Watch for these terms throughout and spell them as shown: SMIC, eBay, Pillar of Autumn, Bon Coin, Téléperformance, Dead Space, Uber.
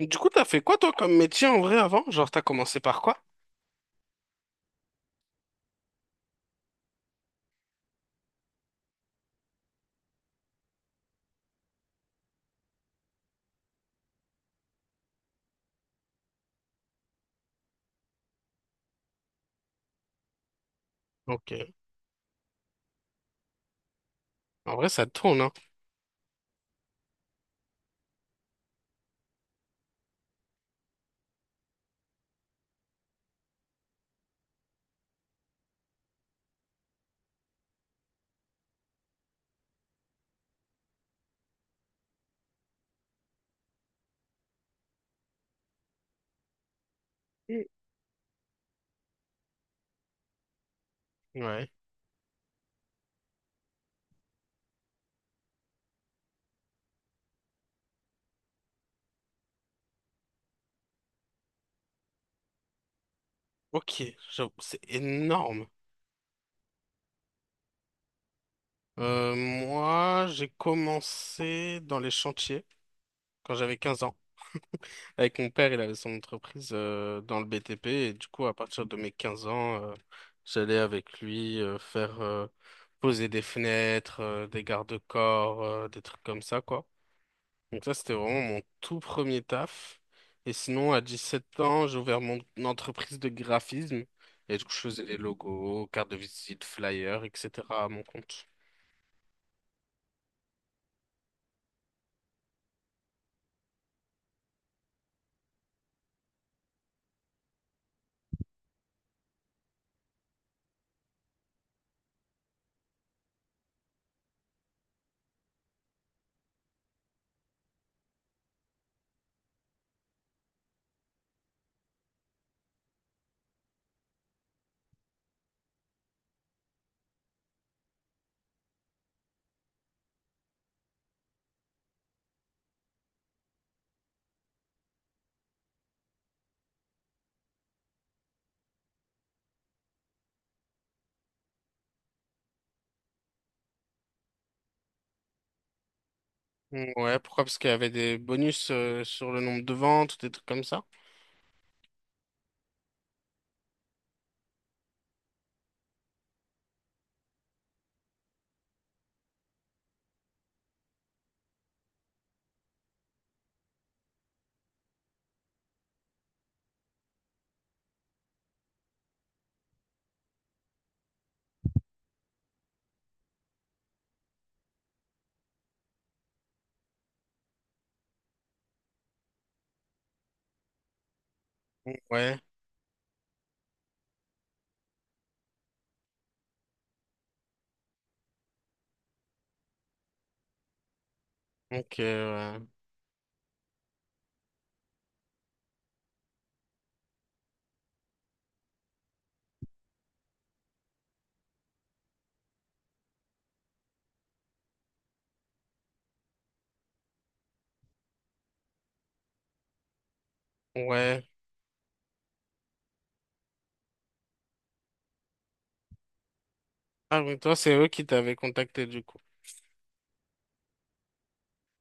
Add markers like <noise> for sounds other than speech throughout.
Du coup, t'as fait quoi toi comme métier en vrai avant? Genre, t'as commencé par quoi? Ok. En vrai, ça tourne, hein? Mm. Ouais. Ok. J'avoue, c'est énorme. Moi, j'ai commencé dans les chantiers quand j'avais 15 ans. <laughs> Avec mon père, il avait son entreprise dans le BTP et du coup, à partir de mes 15 ans, j'allais avec lui faire poser des fenêtres, des garde-corps, des trucs comme ça, quoi. Donc ça, c'était vraiment mon tout premier taf. Et sinon, à 17 ans, j'ai ouvert mon entreprise de graphisme et du coup, je faisais les logos, cartes de visite, flyers, etc. à mon compte. Mm, ouais, pourquoi? Parce qu'il y avait des bonus sur le nombre de ventes, des trucs comme ça. Ouais, ok, ouais. Ouais. Ah oui, toi, c'est eux qui t'avaient contacté du coup.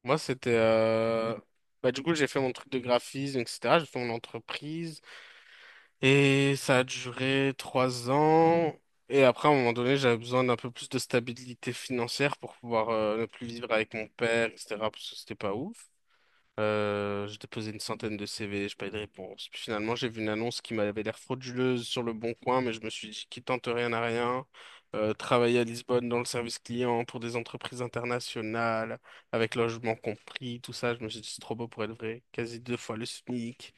Moi, c'était, bah, du coup, j'ai fait mon truc de graphisme, etc. J'ai fait mon entreprise. Et ça a duré 3 ans. Et après, à un moment donné, j'avais besoin d'un peu plus de stabilité financière pour pouvoir ne plus vivre avec mon père, etc. Parce que c'était pas ouf. J'ai déposé une centaine de CV, j'ai pas eu de réponse. Puis finalement, j'ai vu une annonce qui m'avait l'air frauduleuse sur le Bon Coin, mais je me suis dit qui tente rien n'a rien. Travailler à Lisbonne dans le service client pour des entreprises internationales, avec logement compris, tout ça, je me suis dit c'est trop beau pour être vrai. Quasi deux fois le SMIC.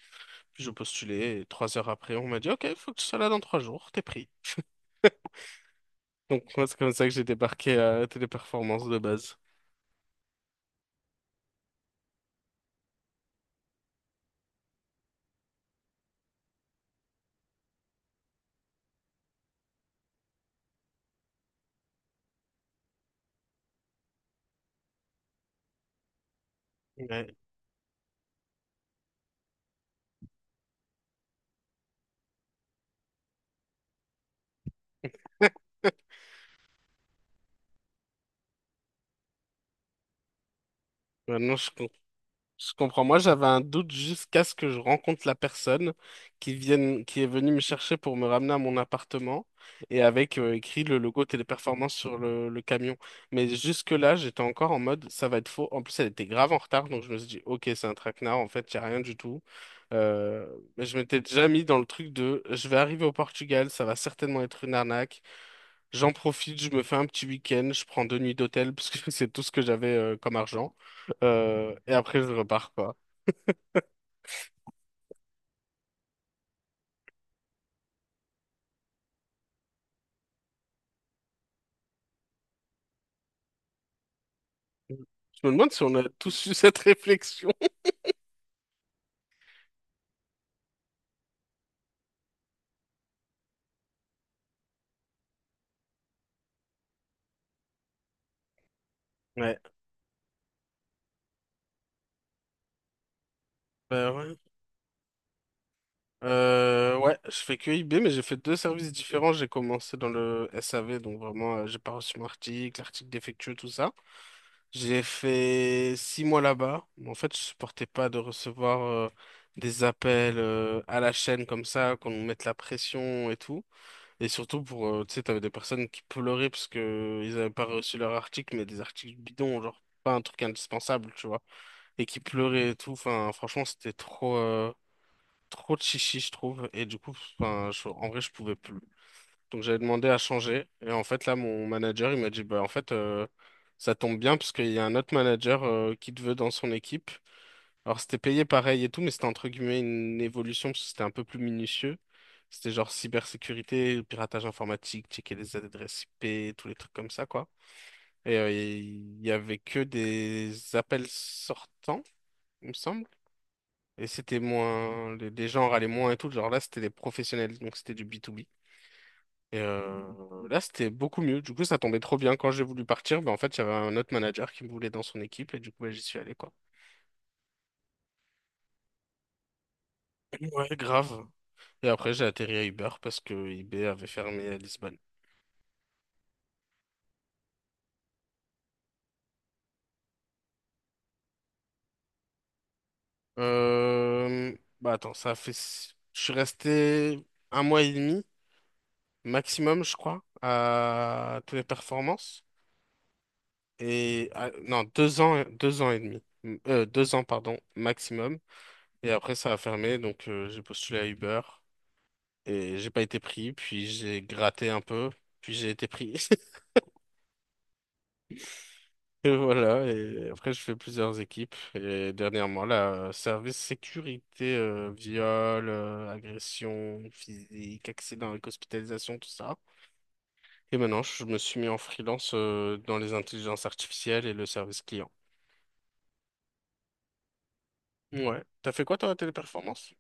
Puis je postulais et 3 heures après, on m'a dit ok, il faut que tu sois là dans 3 jours, t'es pris. Donc moi, c'est comme ça que j'ai débarqué à Téléperformance de base. Ouais. <laughs> Maintenant, je comprends. Moi, j'avais un doute jusqu'à ce que je rencontre la personne qui vienne, qui est venue me chercher pour me ramener à mon appartement et avec écrit le logo Téléperformance sur le camion. Mais jusque-là, j'étais encore en mode ça va être faux. En plus, elle était grave en retard, donc je me suis dit ok, c'est un traquenard. En fait, il n'y a rien du tout. Euh, mais je m'étais déjà mis dans le truc de je vais arriver au Portugal, ça va certainement être une arnaque. J'en profite, je me fais un petit week-end, je prends 2 nuits d'hôtel parce que <laughs> c'est tout ce que j'avais comme argent. Et après, je repars, quoi. Je me demande si on a tous eu cette réflexion. Ouais, bah ouais. Ouais, je fais que IB, mais j'ai fait deux services différents. J'ai commencé dans le SAV, donc vraiment, j'ai pas reçu mon article, l'article défectueux, tout ça. J'ai fait 6 mois là-bas. En fait, je supportais pas de recevoir des appels à la chaîne comme ça, qu'on nous mette la pression et tout. Et surtout pour, tu sais, t'avais des personnes qui pleuraient parce que ils avaient pas reçu leur article, mais des articles bidons, genre pas un truc indispensable, tu vois. Et qui pleurait et tout. Enfin, franchement, c'était trop, trop de chichi, je trouve. Et du coup, enfin, en vrai, je pouvais plus. Donc, j'avais demandé à changer. Et en fait, là, mon manager, il m'a dit, bah, en fait, ça tombe bien parce qu'il y a un autre manager, qui te veut dans son équipe. Alors, c'était payé pareil et tout, mais c'était entre guillemets une évolution parce que c'était un peu plus minutieux. C'était genre cybersécurité, piratage informatique, checker les adresses IP, tous les trucs comme ça, quoi. Et il y avait que des appels sortants, il me semble. Et c'était moins, les gens râlaient moins et tout. Genre là, c'était des professionnels, donc c'était du B2B. Et là, c'était beaucoup mieux. Du coup, ça tombait trop bien. Quand j'ai voulu partir, ben, en fait, il y avait un autre manager qui me voulait dans son équipe et du coup, ben, j'y suis allé, quoi. Ouais, grave. Et après, j'ai atterri à Uber parce que eBay avait fermé à Lisbonne. Euh, Bah attends, ça fait, je suis resté un mois et demi maximum, je crois, à Téléperformance. Et non, 2 ans, deux ans et demi. 2 ans, pardon, maximum. Et après, ça a fermé, donc j'ai postulé à Uber et j'ai pas été pris. Puis j'ai gratté un peu, puis j'ai été pris. <laughs> Et voilà. Et après, je fais plusieurs équipes. Et dernièrement, là, service sécurité, viol, agression physique, accident avec hospitalisation, tout ça. Et maintenant, je me suis mis en freelance dans les intelligences artificielles et le service client. Ouais. T'as fait quoi, toi, à Téléperformance?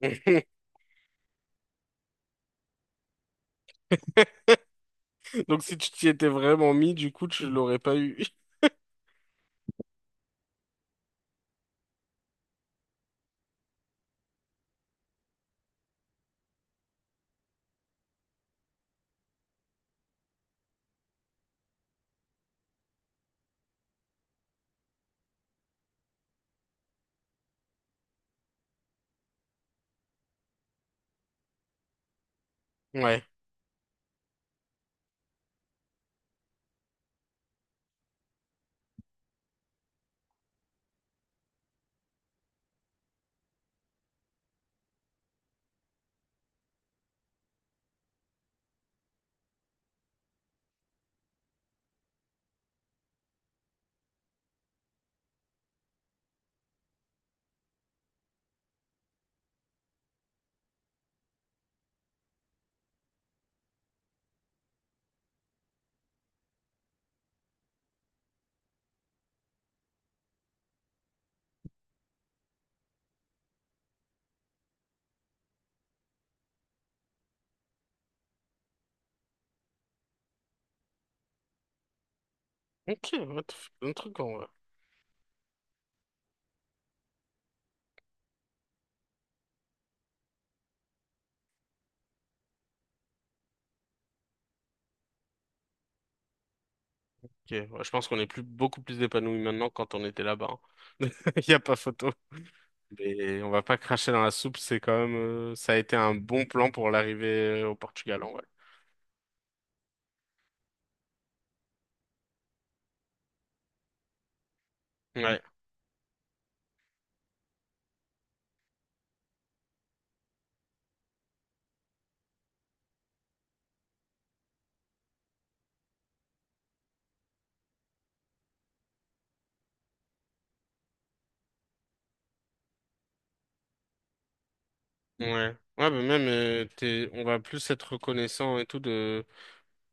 <laughs> Donc, si tu t'y étais vraiment mis, du coup, tu l'aurais pas eu. <laughs> Ouais. Ok, ouais, t'as fait plein de en vrai. Ok, ouais, je pense qu'on est plus, beaucoup plus épanouis maintenant que quand on était là-bas, hein. Il <laughs> y a pas photo. Mais on va pas cracher dans la soupe, c'est quand même, ça a été un bon plan pour l'arrivée au Portugal en vrai. Ouais, ouais. Ouais, mais même, on va plus être reconnaissant et tout de,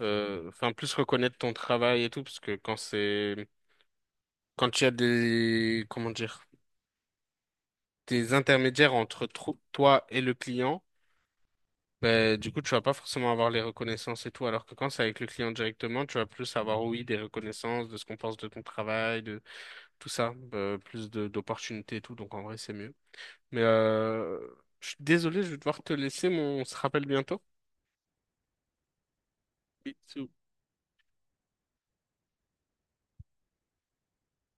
enfin, plus reconnaître ton travail et tout, parce que quand c'est, quand il y a des, comment dire, des intermédiaires entre toi et le client, ben, du coup, tu vas pas forcément avoir les reconnaissances et tout, alors que quand c'est avec le client directement, tu vas plus avoir, oui, des reconnaissances de ce qu'on pense de ton travail, de tout ça, plus de d'opportunités et tout, donc en vrai, c'est mieux. Mais je suis désolé, je vais devoir te laisser, mais on se rappelle bientôt. Oui,